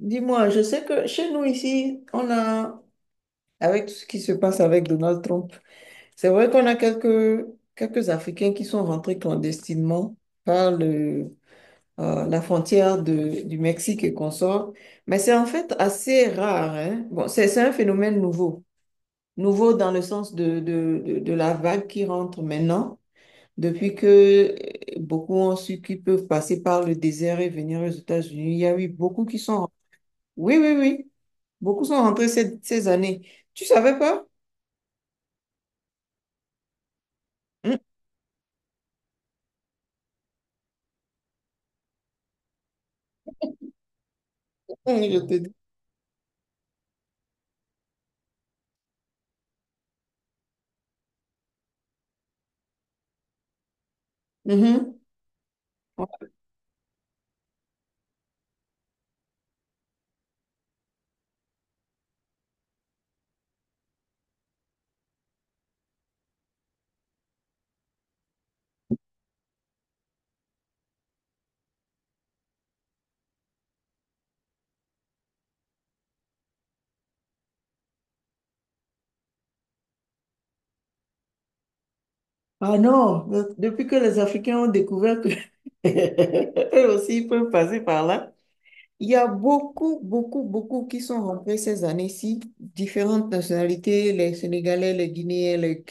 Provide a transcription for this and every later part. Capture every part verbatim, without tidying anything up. Dis-moi, je sais que chez nous ici, on a, avec tout ce qui se passe avec Donald Trump, c'est vrai qu'on a quelques, quelques Africains qui sont rentrés clandestinement par le, euh, la frontière de- du Mexique et consort, mais c'est en fait assez rare, hein. Bon, c'est, c'est un phénomène nouveau, nouveau dans le sens de, de, de, de la vague qui rentre maintenant, depuis que euh, beaucoup ont su qu'ils peuvent passer par le désert et venir aux États-Unis. Il y a eu beaucoup qui sont... Oui, oui, oui. Beaucoup sont rentrés cette- ces années. Tu savais pas? Hum, hum, Je te dis. Mhm. Ah non, de- depuis que les Africains ont découvert que eux aussi ils peuvent passer par là, il y a beaucoup, beaucoup, beaucoup qui sont rentrés ces années-ci, différentes nationalités, les Sénégalais, les Guinéens, les,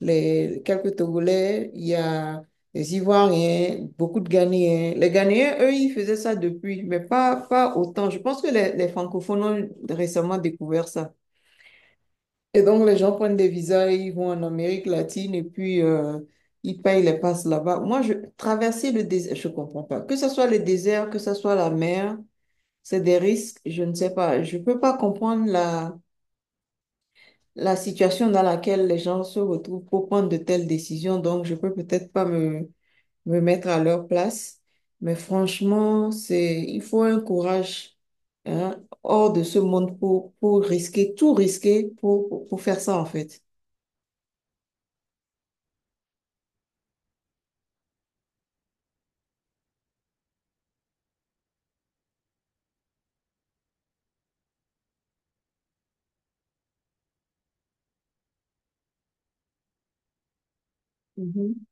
les- quelques Togolais, il y a les Ivoiriens, beaucoup de Ghanéens. Les Ghanéens, eux, ils faisaient ça depuis, mais pas, pas autant. Je pense que les, les francophones ont récemment découvert ça. Et donc, les gens prennent des visas et ils vont en Amérique latine et puis euh, ils payent les passes là-bas. Moi, je, traverser le désert, je comprends pas. Que ce soit le désert, que ce soit la mer, c'est des risques, je ne sais pas. Je peux pas comprendre la, la situation dans laquelle les gens se retrouvent pour prendre de telles décisions. Donc, je peux peut-être pas me, me mettre à leur place. Mais franchement, c'est, il faut un courage, hein, hors de ce monde pour, pour risquer, tout risquer pour, pour, pour faire ça, en fait. Mhm.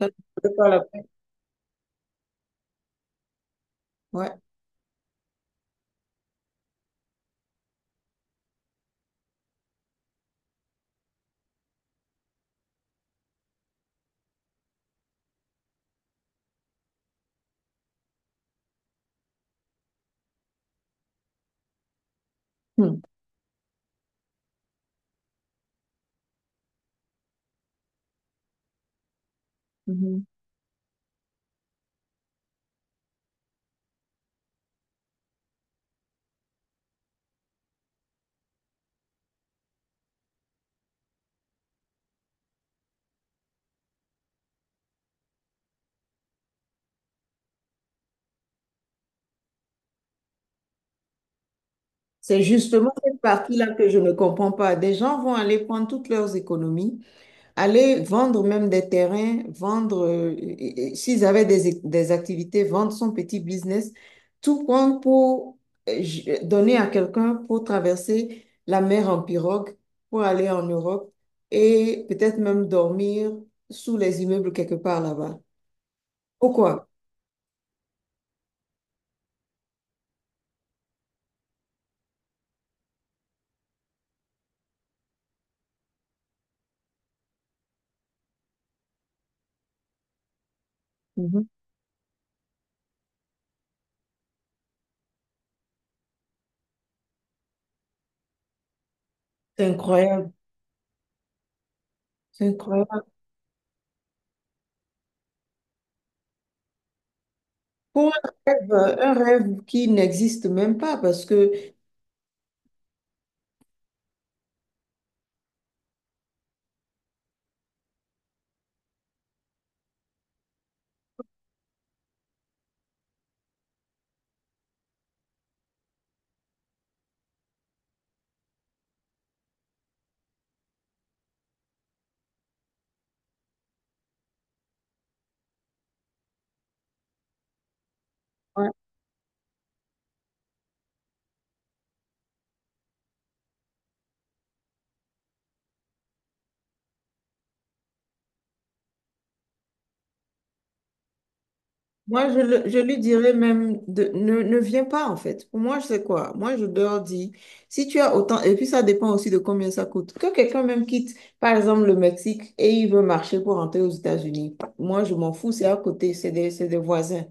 Ça ne vaut pas la peine. Ouais. Hmm. Mhm. C'est justement cette partie-là que je ne comprends pas. Des gens vont aller prendre toutes leurs économies, aller vendre même des terrains, vendre, euh, et- et- s'ils avaient des, des activités, vendre son petit business, tout compte pour euh, j- donner à quelqu'un pour traverser la mer en pirogue, pour aller en Europe et peut-être même dormir sous les immeubles quelque part là-bas. Pourquoi? Mhm. C'est incroyable, c'est incroyable. Pour un rêve, euh, un rêve qui n'existe même pas parce que... Ouais. Moi, je, le- je lui dirais même de ne, ne viens pas en fait. Pour moi, je sais quoi. Moi, je leur dis, si tu as autant, et puis ça dépend aussi de combien ça coûte. Que quelqu'un même quitte, par exemple, le Mexique et il veut marcher pour rentrer aux États-Unis. Moi, je m'en fous, c'est à côté, c'est des, c'est des voisins.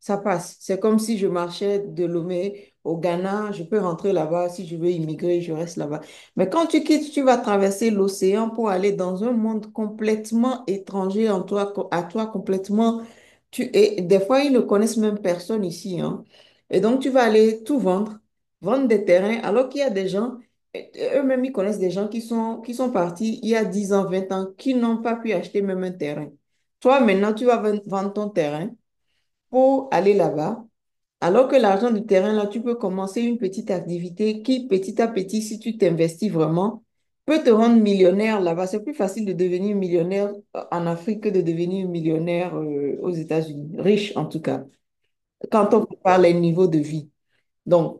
Ça passe. C'est comme si je marchais de Lomé au Ghana, je peux rentrer là-bas. Si je veux immigrer, je reste là-bas. Mais quand tu quittes, tu vas traverser l'océan pour aller dans un monde complètement étranger en toi, à toi complètement. Tu, et des fois, ils ne connaissent même personne ici, hein. Et donc, tu vas aller tout vendre, vendre des terrains, alors qu'il y a des gens, et- et eux-mêmes, ils connaissent des gens qui sont, qui sont partis il y a dix ans, vingt ans, qui n'ont pas pu acheter même un terrain. Toi, maintenant, tu vas ven- vendre ton terrain pour aller là-bas, alors que l'argent du terrain, là, tu peux commencer une petite activité qui, petit à petit, si tu t'investis vraiment, peut te rendre millionnaire là-bas. C'est plus facile de devenir millionnaire euh, en Afrique que de devenir millionnaire euh, aux États-Unis, riche en tout cas, quand on compare les niveaux de vie. Donc,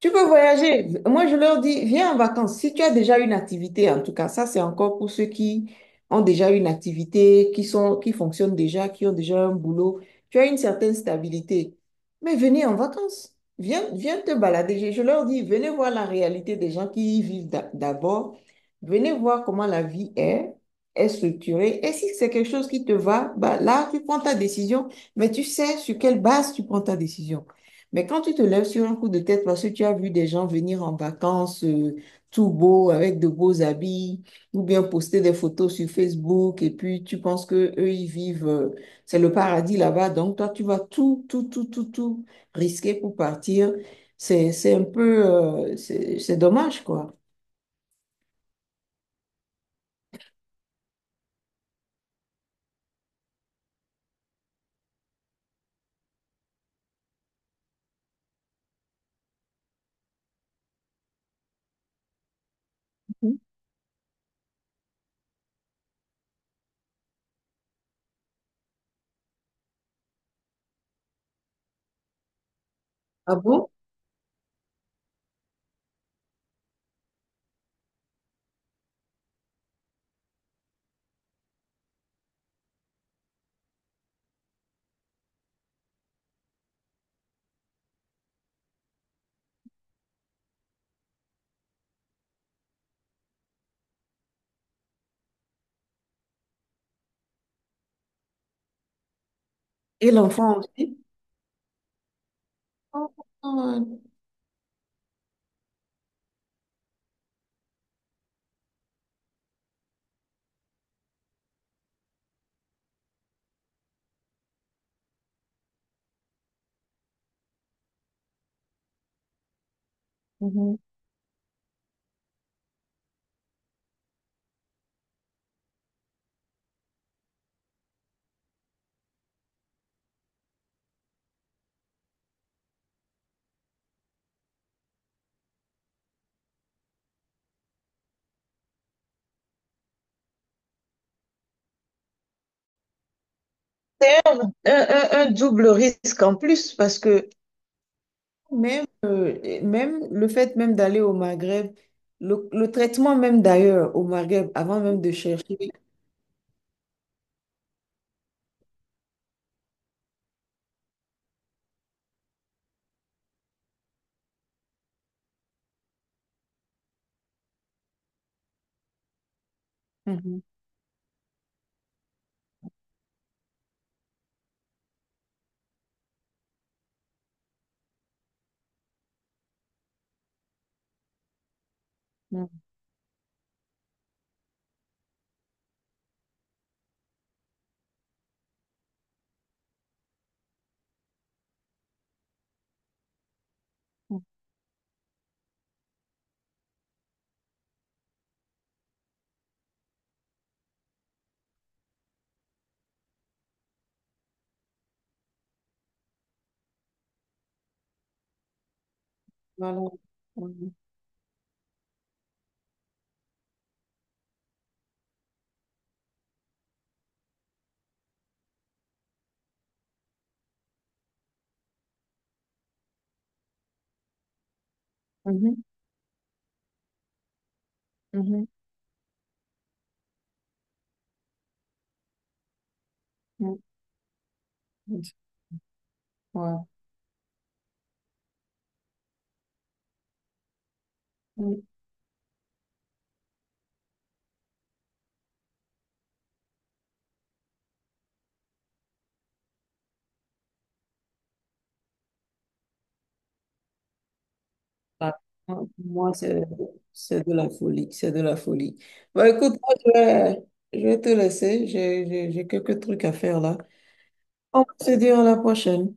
tu veux voyager? Moi, je leur dis, viens en vacances. Si tu as déjà une activité, en tout cas, ça, c'est encore pour ceux qui ont déjà une activité, qui sont, qui fonctionnent déjà, qui ont déjà un boulot. Tu as une certaine stabilité. Mais venez en vacances. Viens, viens te balader. Je, je leur dis, venez voir la réalité des gens qui y vivent d'a- d'abord. Venez voir comment la vie est, est structurée. Et si c'est quelque chose qui te va, bah, là, tu prends ta décision, mais tu sais sur quelle base tu prends ta décision. Mais quand tu te lèves sur un coup de tête parce que tu as vu des gens venir en vacances, euh, tout beau, avec de beaux habits, ou bien poster des photos sur Facebook, et puis tu penses que eux ils vivent, euh, c'est le paradis là-bas, donc toi tu vas tout, tout, tout, tout, tout risquer pour partir. C'est, c'est un peu, euh, c'est c'est dommage, quoi. Mhm. Ah bon? Et l'enfant aussi? Oh, euh, Mhm. Un, un- un double risque en plus parce que... Même, euh, et même le fait même d'aller au Maghreb, le, le traitement même d'ailleurs au Maghreb, avant même de chercher, Mhm, mhm, voilà. Mhm, mhm, mhm, mhm. Ouais. Ah, pour moi, c'est... C'est de la folie, c'est de la folie. Bah, écoute, moi, je vais, je vais te laisser, j'ai j'ai- j'ai quelques trucs à faire là. On va se dire à la prochaine.